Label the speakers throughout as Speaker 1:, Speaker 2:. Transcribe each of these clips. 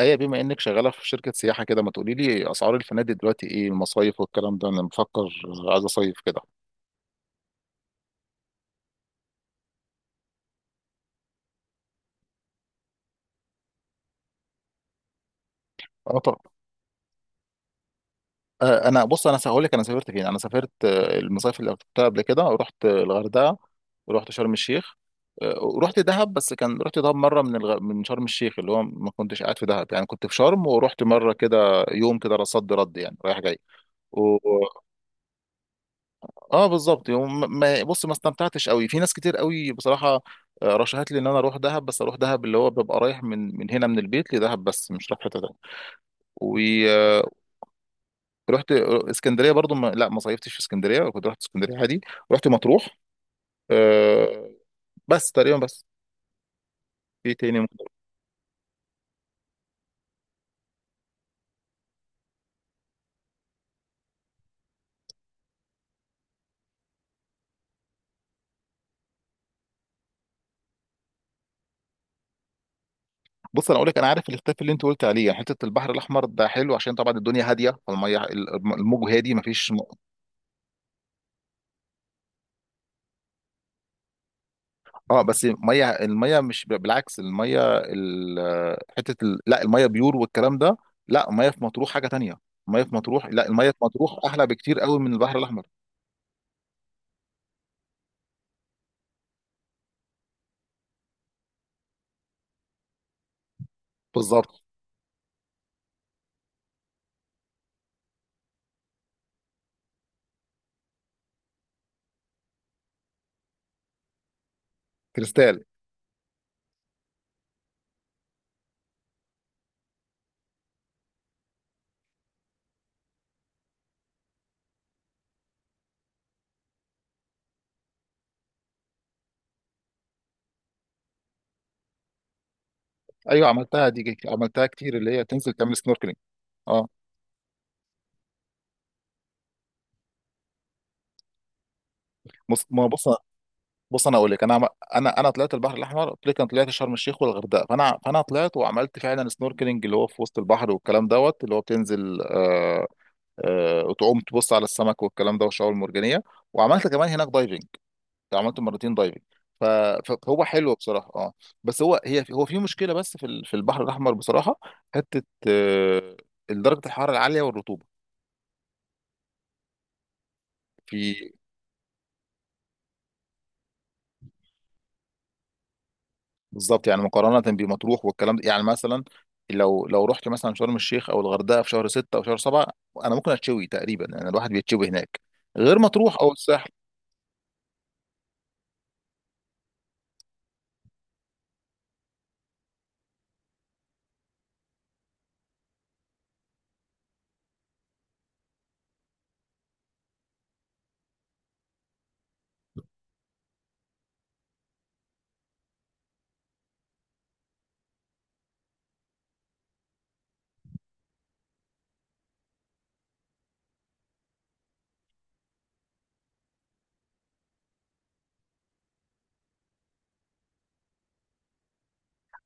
Speaker 1: ايه، بما انك شغاله في شركه سياحه كده، ما تقولي لي اسعار الفنادق دلوقتي؟ ايه المصايف والكلام ده؟ انا بفكر عايز اصيف كده. اه، طب. انا هقول لك انا سافرت فين. انا سافرت آه، المصايف اللي رحتها قبل كده، رحت الغردقه ورحت شرم الشيخ. ورحت دهب، بس كان رحت دهب مره من شرم الشيخ، اللي هو ما كنتش قاعد في دهب يعني، كنت في شرم ورحت مره كده يوم كده صد رد يعني، رايح جاي. اه بالظبط، يوم ما بص، ما استمتعتش قوي، في ناس كتير قوي بصراحه. رشحت لي ان انا اروح دهب، بس اروح دهب اللي هو ببقى رايح من هنا من البيت لدهب، بس مش رايح حته تانيه. ورحت اسكندريه برضو، ما صيفتش في اسكندريه، كنت رحت اسكندريه عادي. رحت مطروح. آه، بس تقريبا بس. في تاني ممكن. بص انا اقول لك، انا عارف الاختلاف اللي انت قلت عليه. يعني حته البحر الاحمر ده حلو عشان طبعا الدنيا هاديه، فالميه الموج هادي، ما فيش. اه بس، الميه مش بالعكس، الميه ال- حته ال... لا الميه بيور والكلام ده. لا، الميه في مطروح حاجه تانية. الميه في مطروح، لا، الميه في مطروح احلى بكتير قوي من البحر الاحمر. بالظبط. كريستال. ايوه عملتها دي، عملتها كتير، اللي هي تنزل تعمل سنوركلينج. اه. بص ما بص بص انا اقول لك، انا انا طلعت البحر الاحمر، قلت لك انا طلعت شرم الشيخ والغردقه، فانا طلعت وعملت فعلا سنوركلينج، اللي هو في وسط البحر والكلام دوت، اللي هو بتنزل وتقوم تبص على السمك والكلام ده والشعاب المرجانيه. وعملت كمان هناك دايفنج، عملت مرتين دايفنج. ف- فهو حلو بصراحه، اه. بس هو هي هو في مشكله بس في البحر الاحمر بصراحه. حته آه، درجه الحراره العاليه والرطوبه في. بالظبط يعني، مقارنه بمطروح والكلام ده. يعني مثلا لو رحت مثلا شرم الشيخ او الغردقه في شهر 6 او شهر 7، انا ممكن اتشوي تقريبا، يعني الواحد بيتشوي هناك، غير مطروح او الساحل.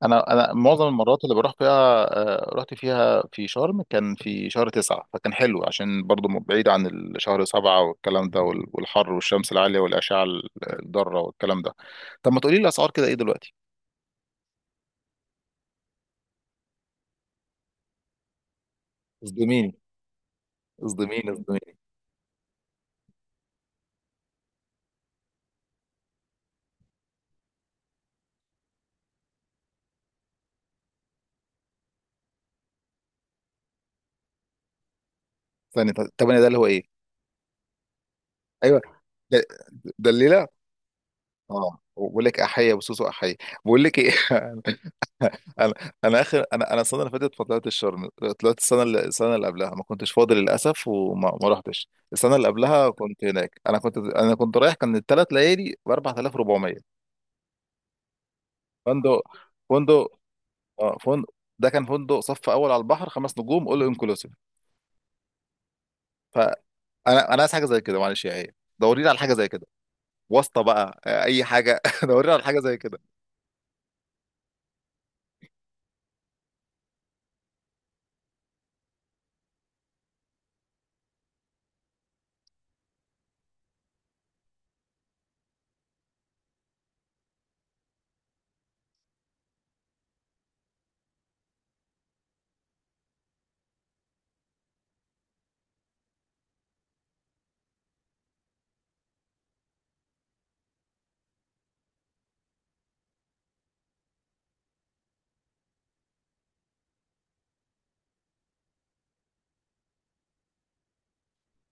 Speaker 1: انا معظم المرات اللي بروح فيها، رحت فيها في شرم كان في شهر 9، فكان حلو عشان برضو، بعيد عن الشهر 7 والكلام ده، والحر والشمس العالية والأشعة الضارة والكلام ده. طب ما تقولي لي الأسعار كده ايه دلوقتي؟ اصدميني، اصدميني، اصدميني. ثانية، طب أنا ده اللي هو ايه؟ ايوه. ده ده الليلة. اه بقول لك أحية وسوسو أحية. بقول لك ايه. انا انا اخر انا انا السنه اللي فاتت ما طلعتش شرم. طلعت السنه اللي، السنه اللي قبلها ما كنتش فاضي للاسف، وما ما رحتش. السنه اللي قبلها كنت هناك، انا كنت رايح، كان الثلاث ليالي ب 4400. فندق فندق اه فندق ده كان فندق صف اول على البحر 5 نجوم اول انكلوسيف. فانا عايز حاجه زي كده، معلش يا ايه دورينا على حاجه زي كده. واسطه بقى، اي حاجه. دورينا على حاجه زي كده.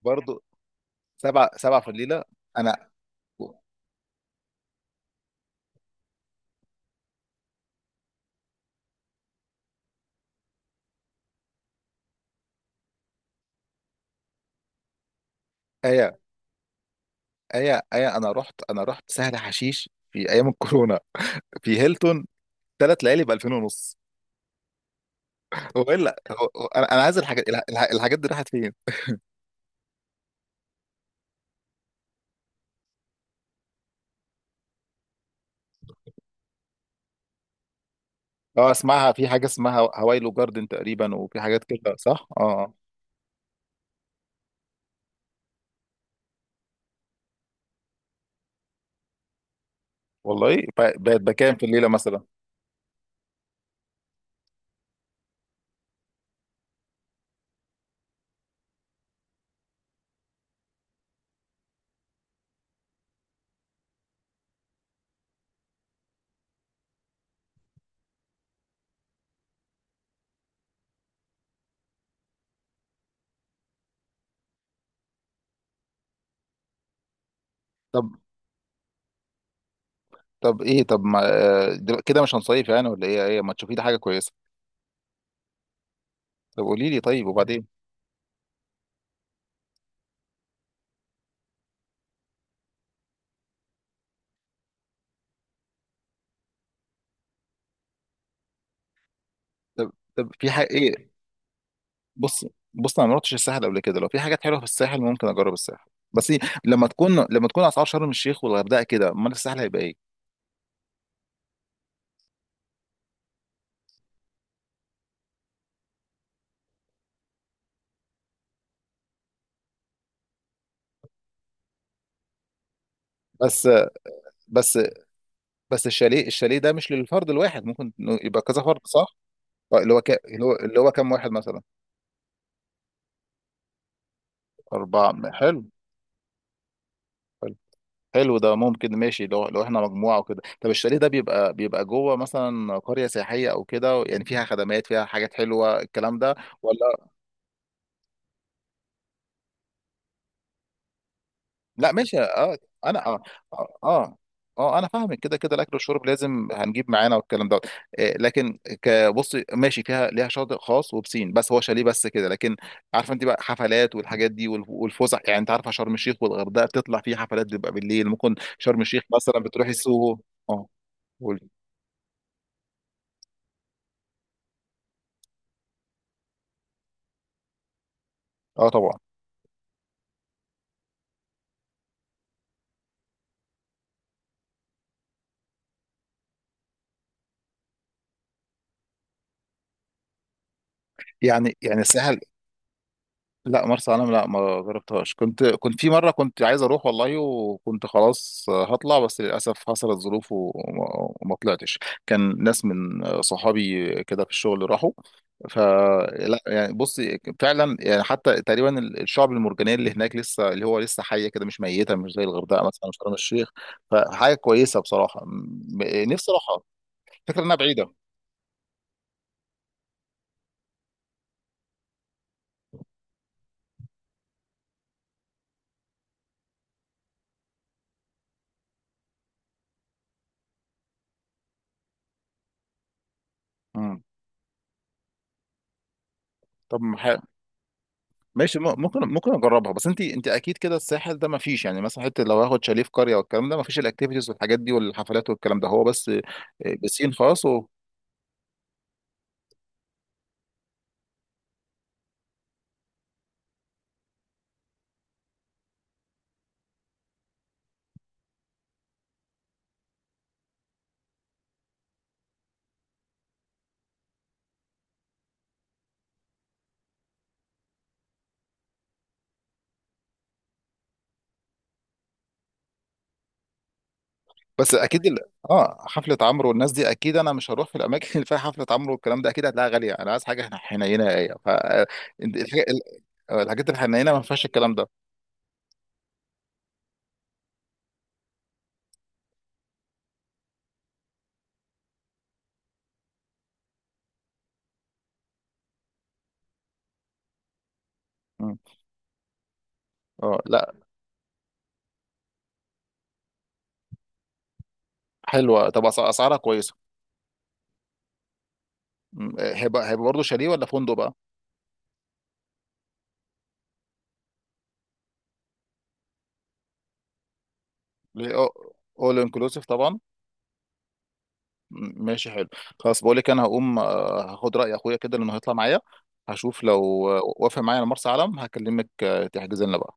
Speaker 1: برضو. سبعة في الليله. انا، ايه. ايا ايا انا رحت، انا رحت سهل حشيش في ايام الكورونا في هيلتون، 3 ليالي ب 2000 ونص. هو الا هو هو- انا أنا عايز الحاجات، الحاجات دي راحت فين؟ اه اسمعها، في حاجه اسمها هوايلو جاردن تقريبا، وفي حاجات كده صح؟ اه. آه. والله، بقت بكام في الليله مثلا؟ طب طب ما كده مش هنصيف يعني ولا ايه؟ ايه ما تشوفي لي حاجه كويسه. طب قولي لي، طيب، وبعدين. طب في حاجه ايه؟ بص بص انا ما رحتش الساحل قبل كده، لو في حاجات حلوه في الساحل ممكن اجرب الساحل. بس لما تكون اسعار شرم الشيخ والغردقه كده، امال الساحل هيبقى ايه؟ بس بس بس الشاليه، الشاليه ده مش للفرد الواحد، ممكن إنه يبقى كذا فرد، صح؟ اللي هو اللي هو كام واحد مثلا؟ اربعه، حلو حلو. حلو، ده ممكن ماشي لو، احنا مجموعه وكده. طب الشاليه ده بيبقى، بيبقى جوه مثلا قريه سياحيه او كده، يعني فيها خدمات فيها حاجات حلوه الكلام ده. لا ماشي، اه. انا اه اه اه آه، انا فاهمك، كده كده الاكل والشرب لازم هنجيب معانا والكلام دوت. لكن كبص ماشي، فيها ليها شاطئ خاص وبسين، بس هو شاليه بس كده. لكن عارفه انت بقى، حفلات والحاجات دي والفسح. يعني انت عارفه شرم الشيخ والغردقه بتطلع فيه حفلات بتبقى بالليل، ممكن شرم الشيخ مثلا بتروحي السوهو. اه، قولي. اه، طبعا. يعني الساحل. لا مرسى علم، لا ما جربتهاش. كنت، كنت في مره كنت عايز اروح والله، وكنت خلاص هطلع بس للاسف حصلت ظروف وما، وما طلعتش. كان ناس من صحابي كده في الشغل راحوا، فلا يعني، بص، فعلا يعني حتى تقريبا الشعب المرجانيه اللي هناك لسه، اللي هو لسه حيه كده، مش ميته، مش زي الغردقه مثلا، مش شرم الشيخ. فحاجه كويسه بصراحه، نفسي اروحها. الفكره انها بعيده. مم. طب ماشي، ممكن اجربها. بس انت، انت اكيد كده الساحل ده ما فيش، يعني مثلا حته لو هاخد شاليه في قريه والكلام ده، ما فيش الاكتيفيتيز والحاجات دي والحفلات والكلام ده. هو بس بسين خاص و... بس اكيد ال... اه حفله عمرو والناس دي اكيد انا مش هروح في الاماكن اللي فيها حفله عمرو والكلام ده، اكيد هتلاقيها غاليه. انا عايز حاجه، حنينه، ايه ف انت- الحاجة- ال- الحاجات الحنينه ما فيهاش الكلام ده. مم. اه، لا. حلوه، طب اسعارها كويسه. هيبقى، هيبقى برضه شاليه ولا فندق بقى؟ اول انكلوسيف طبعا. ماشي حلو. خلاص، بقول لك انا هقوم هاخد راي اخويا كده لانه هيطلع معايا. هشوف لو وافق معايا على مرسى علم هكلمك، تحجز لنا بقى.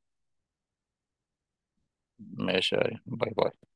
Speaker 1: ماشي. باي باي.